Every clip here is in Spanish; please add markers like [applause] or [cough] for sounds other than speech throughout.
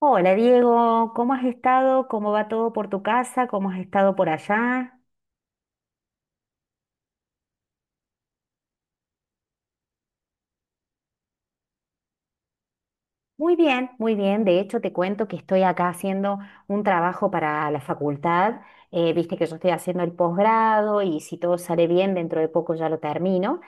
Hola Diego, ¿cómo has estado? ¿Cómo va todo por tu casa? ¿Cómo has estado por allá? Muy bien, muy bien. De hecho, te cuento que estoy acá haciendo un trabajo para la facultad. Viste que yo estoy haciendo el posgrado y si todo sale bien, dentro de poco ya lo termino.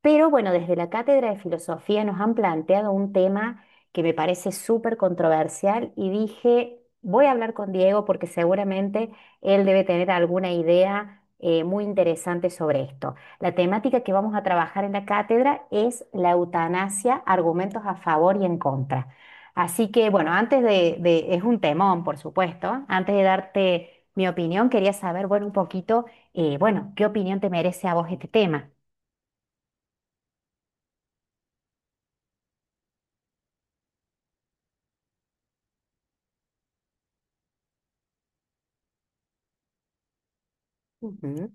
Pero bueno, desde la Cátedra de Filosofía nos han planteado un tema que me parece súper controversial y dije, voy a hablar con Diego porque seguramente él debe tener alguna idea muy interesante sobre esto. La temática que vamos a trabajar en la cátedra es la eutanasia, argumentos a favor y en contra. Así que bueno, es un temón, por supuesto, antes de darte mi opinión, quería saber, bueno, un poquito, bueno, ¿qué opinión te merece a vos este tema? Ujú.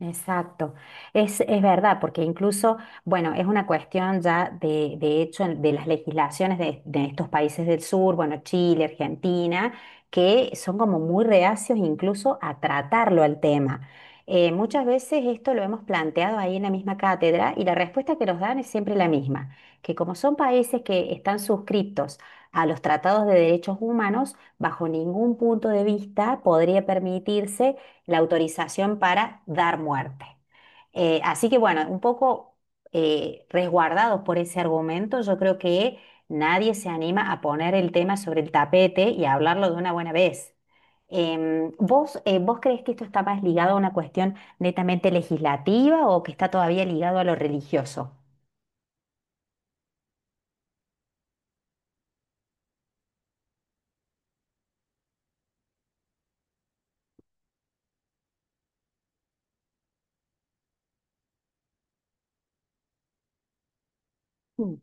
Exacto, es verdad, porque incluso, bueno, es una cuestión ya de las legislaciones de estos países del sur, bueno, Chile, Argentina, que son como muy reacios incluso a tratarlo al tema. Muchas veces esto lo hemos planteado ahí en la misma cátedra y la respuesta que nos dan es siempre la misma, que como son países que están suscritos a los tratados de derechos humanos, bajo ningún punto de vista podría permitirse la autorización para dar muerte. Así que bueno, un poco resguardados por ese argumento, yo creo que nadie se anima a poner el tema sobre el tapete y a hablarlo de una buena vez. ¿Vos crees que esto está más ligado a una cuestión netamente legislativa o que está todavía ligado a lo religioso? Mm.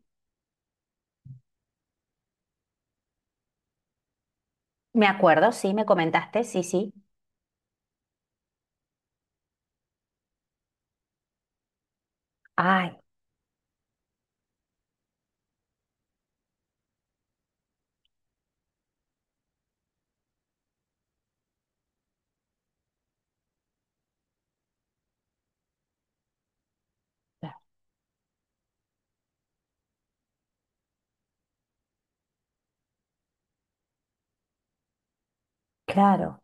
Me acuerdo, sí, me comentaste, sí, sí. Ay, claro.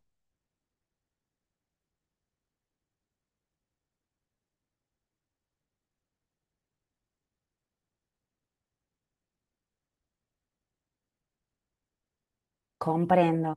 Comprendo.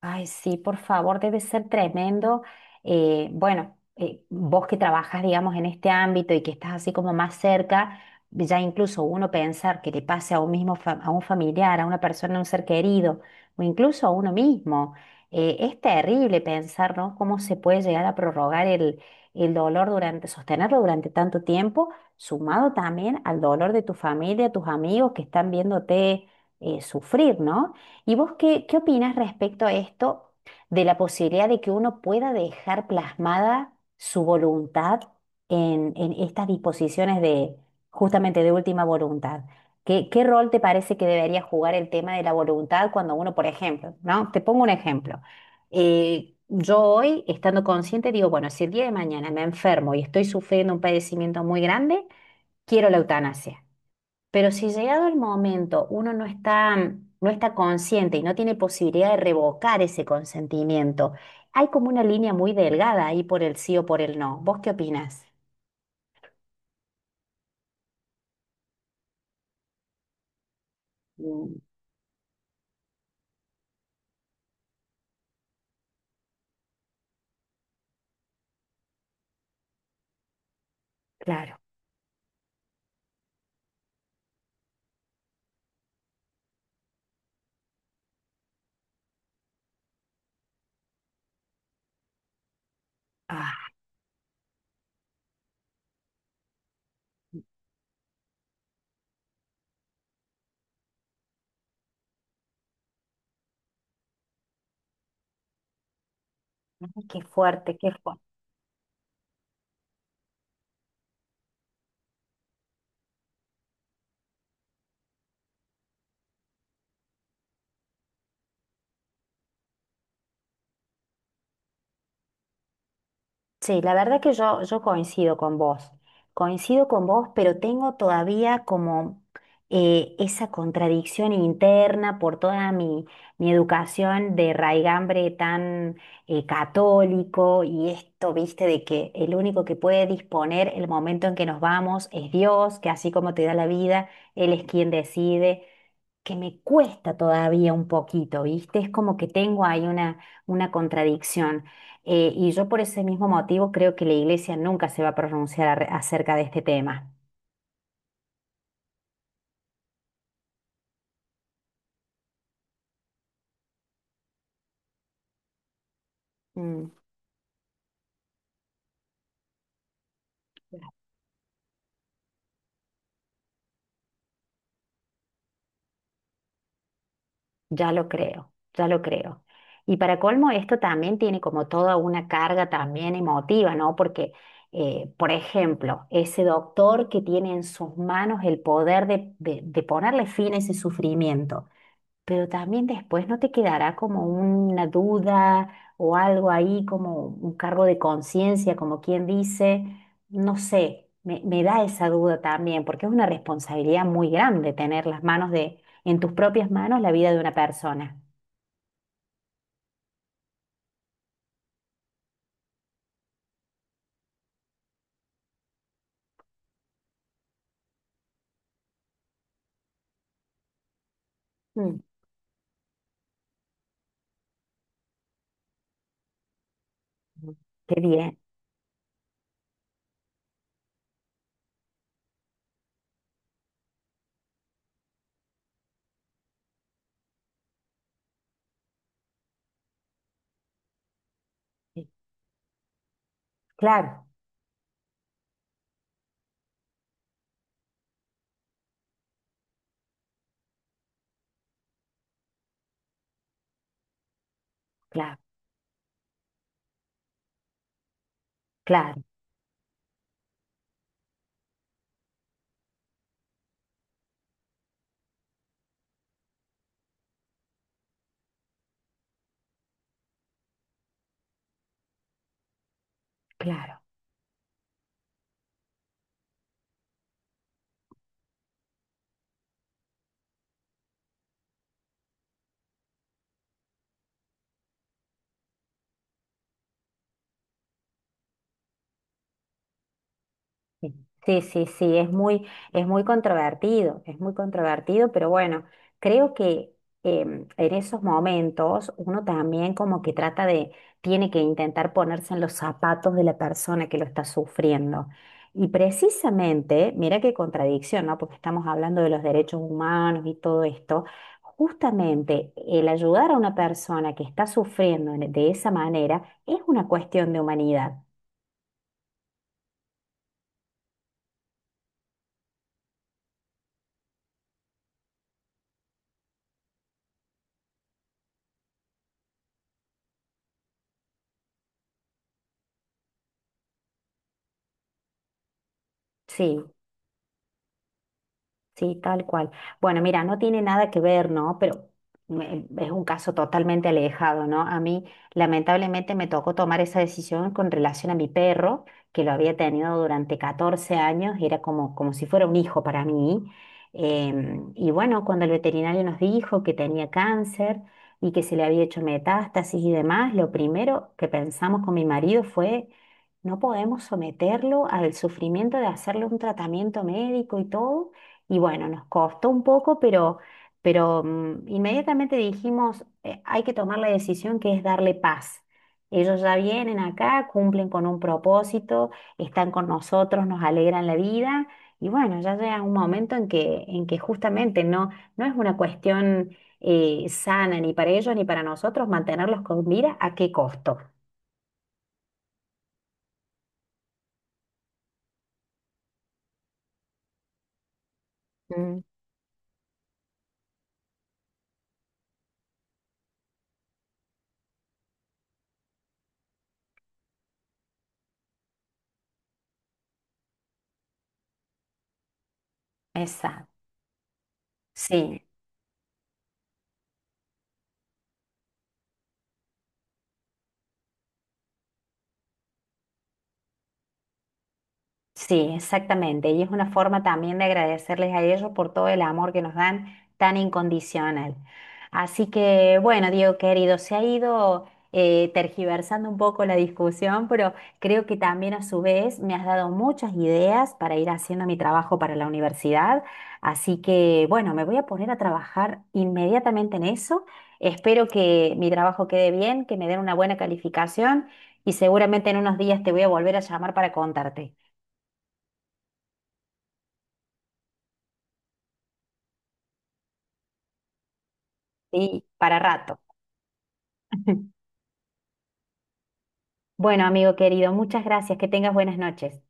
Ay, sí, por favor, debe ser tremendo. Bueno, vos que trabajas, digamos, en este ámbito y que estás así como más cerca, ya incluso uno pensar que le pase a un mismo, a un familiar, a una persona, a un ser querido, o incluso a uno mismo, es terrible pensar, ¿no? Cómo se puede llegar a prorrogar el dolor durante, sostenerlo durante tanto tiempo, sumado también al dolor de tu familia, tus amigos que están viéndote, sufrir, ¿no? ¿Y vos qué opinas respecto a esto de la posibilidad de que uno pueda dejar plasmada su voluntad en estas disposiciones de justamente de última voluntad? ¿Qué rol te parece que debería jugar el tema de la voluntad cuando uno, por ejemplo, ¿no? Te pongo un ejemplo. Yo hoy, estando consciente, digo, bueno, si el día de mañana me enfermo y estoy sufriendo un padecimiento muy grande, quiero la eutanasia. Pero si llegado el momento uno no está consciente y no tiene posibilidad de revocar ese consentimiento, hay como una línea muy delgada ahí por el sí o por el no. ¿Vos qué opinás? Mm. Claro. Ah, qué fuerte, qué fuerte. Sí, la verdad que yo coincido con vos, pero tengo todavía como esa contradicción interna por toda mi educación de raigambre tan católico y esto, viste, de que el único que puede disponer el momento en que nos vamos es Dios, que así como te da la vida, Él es quien decide que me cuesta todavía un poquito, ¿viste? Es como que tengo ahí una contradicción. Y yo por ese mismo motivo creo que la iglesia nunca se va a pronunciar acerca de este tema. Mm, ya lo creo, ya lo creo. Y para colmo, esto también tiene como toda una carga también emotiva, ¿no? Porque, por ejemplo, ese doctor que tiene en sus manos el poder de ponerle fin a ese sufrimiento pero también después no te quedará como una duda o algo ahí, como un cargo de conciencia, como quien dice, no sé, me da esa duda también, porque es una responsabilidad muy grande tener las manos de, en tus propias manos la vida de una persona. Mm, qué bien. Claro, claro, claro, claro. Sí, sí, sí, sí, es muy controvertido, pero bueno, creo que en esos momentos uno también como que trata de, tiene que intentar ponerse en los zapatos de la persona que lo está sufriendo. Y precisamente, mira qué contradicción, ¿no? Porque estamos hablando de los derechos humanos y todo esto. Justamente el ayudar a una persona que está sufriendo de esa manera es una cuestión de humanidad. Sí. Sí, tal cual. Bueno, mira, no tiene nada que ver, ¿no? Pero es un caso totalmente alejado, ¿no? A mí, lamentablemente, me tocó tomar esa decisión con relación a mi perro, que lo había tenido durante 14 años, y era como, como si fuera un hijo para mí. Y bueno, cuando el veterinario nos dijo que tenía cáncer y que se le había hecho metástasis y demás, lo primero que pensamos con mi marido fue... No podemos someterlo al sufrimiento de hacerle un tratamiento médico y todo, y bueno, nos costó un poco, pero inmediatamente dijimos, Hay que tomar la decisión que es darle paz. Ellos ya vienen acá, cumplen con un propósito, están con nosotros, nos alegran la vida. Y bueno, ya llega un momento en en que justamente no es una cuestión sana ni para ellos ni para nosotros mantenerlos con vida, ¿a qué costo? Mm. Exacto. Sí. Sí, exactamente. Y es una forma también de agradecerles a ellos por todo el amor que nos dan tan incondicional. Así que, bueno, Diego querido, se ha ido tergiversando un poco la discusión, pero creo que también a su vez me has dado muchas ideas para ir haciendo mi trabajo para la universidad. Así que, bueno, me voy a poner a trabajar inmediatamente en eso. Espero que mi trabajo quede bien, que me den una buena calificación y seguramente en unos días te voy a volver a llamar para contarte. Sí, para rato. [laughs] Bueno, amigo querido, muchas gracias. Que tengas buenas noches.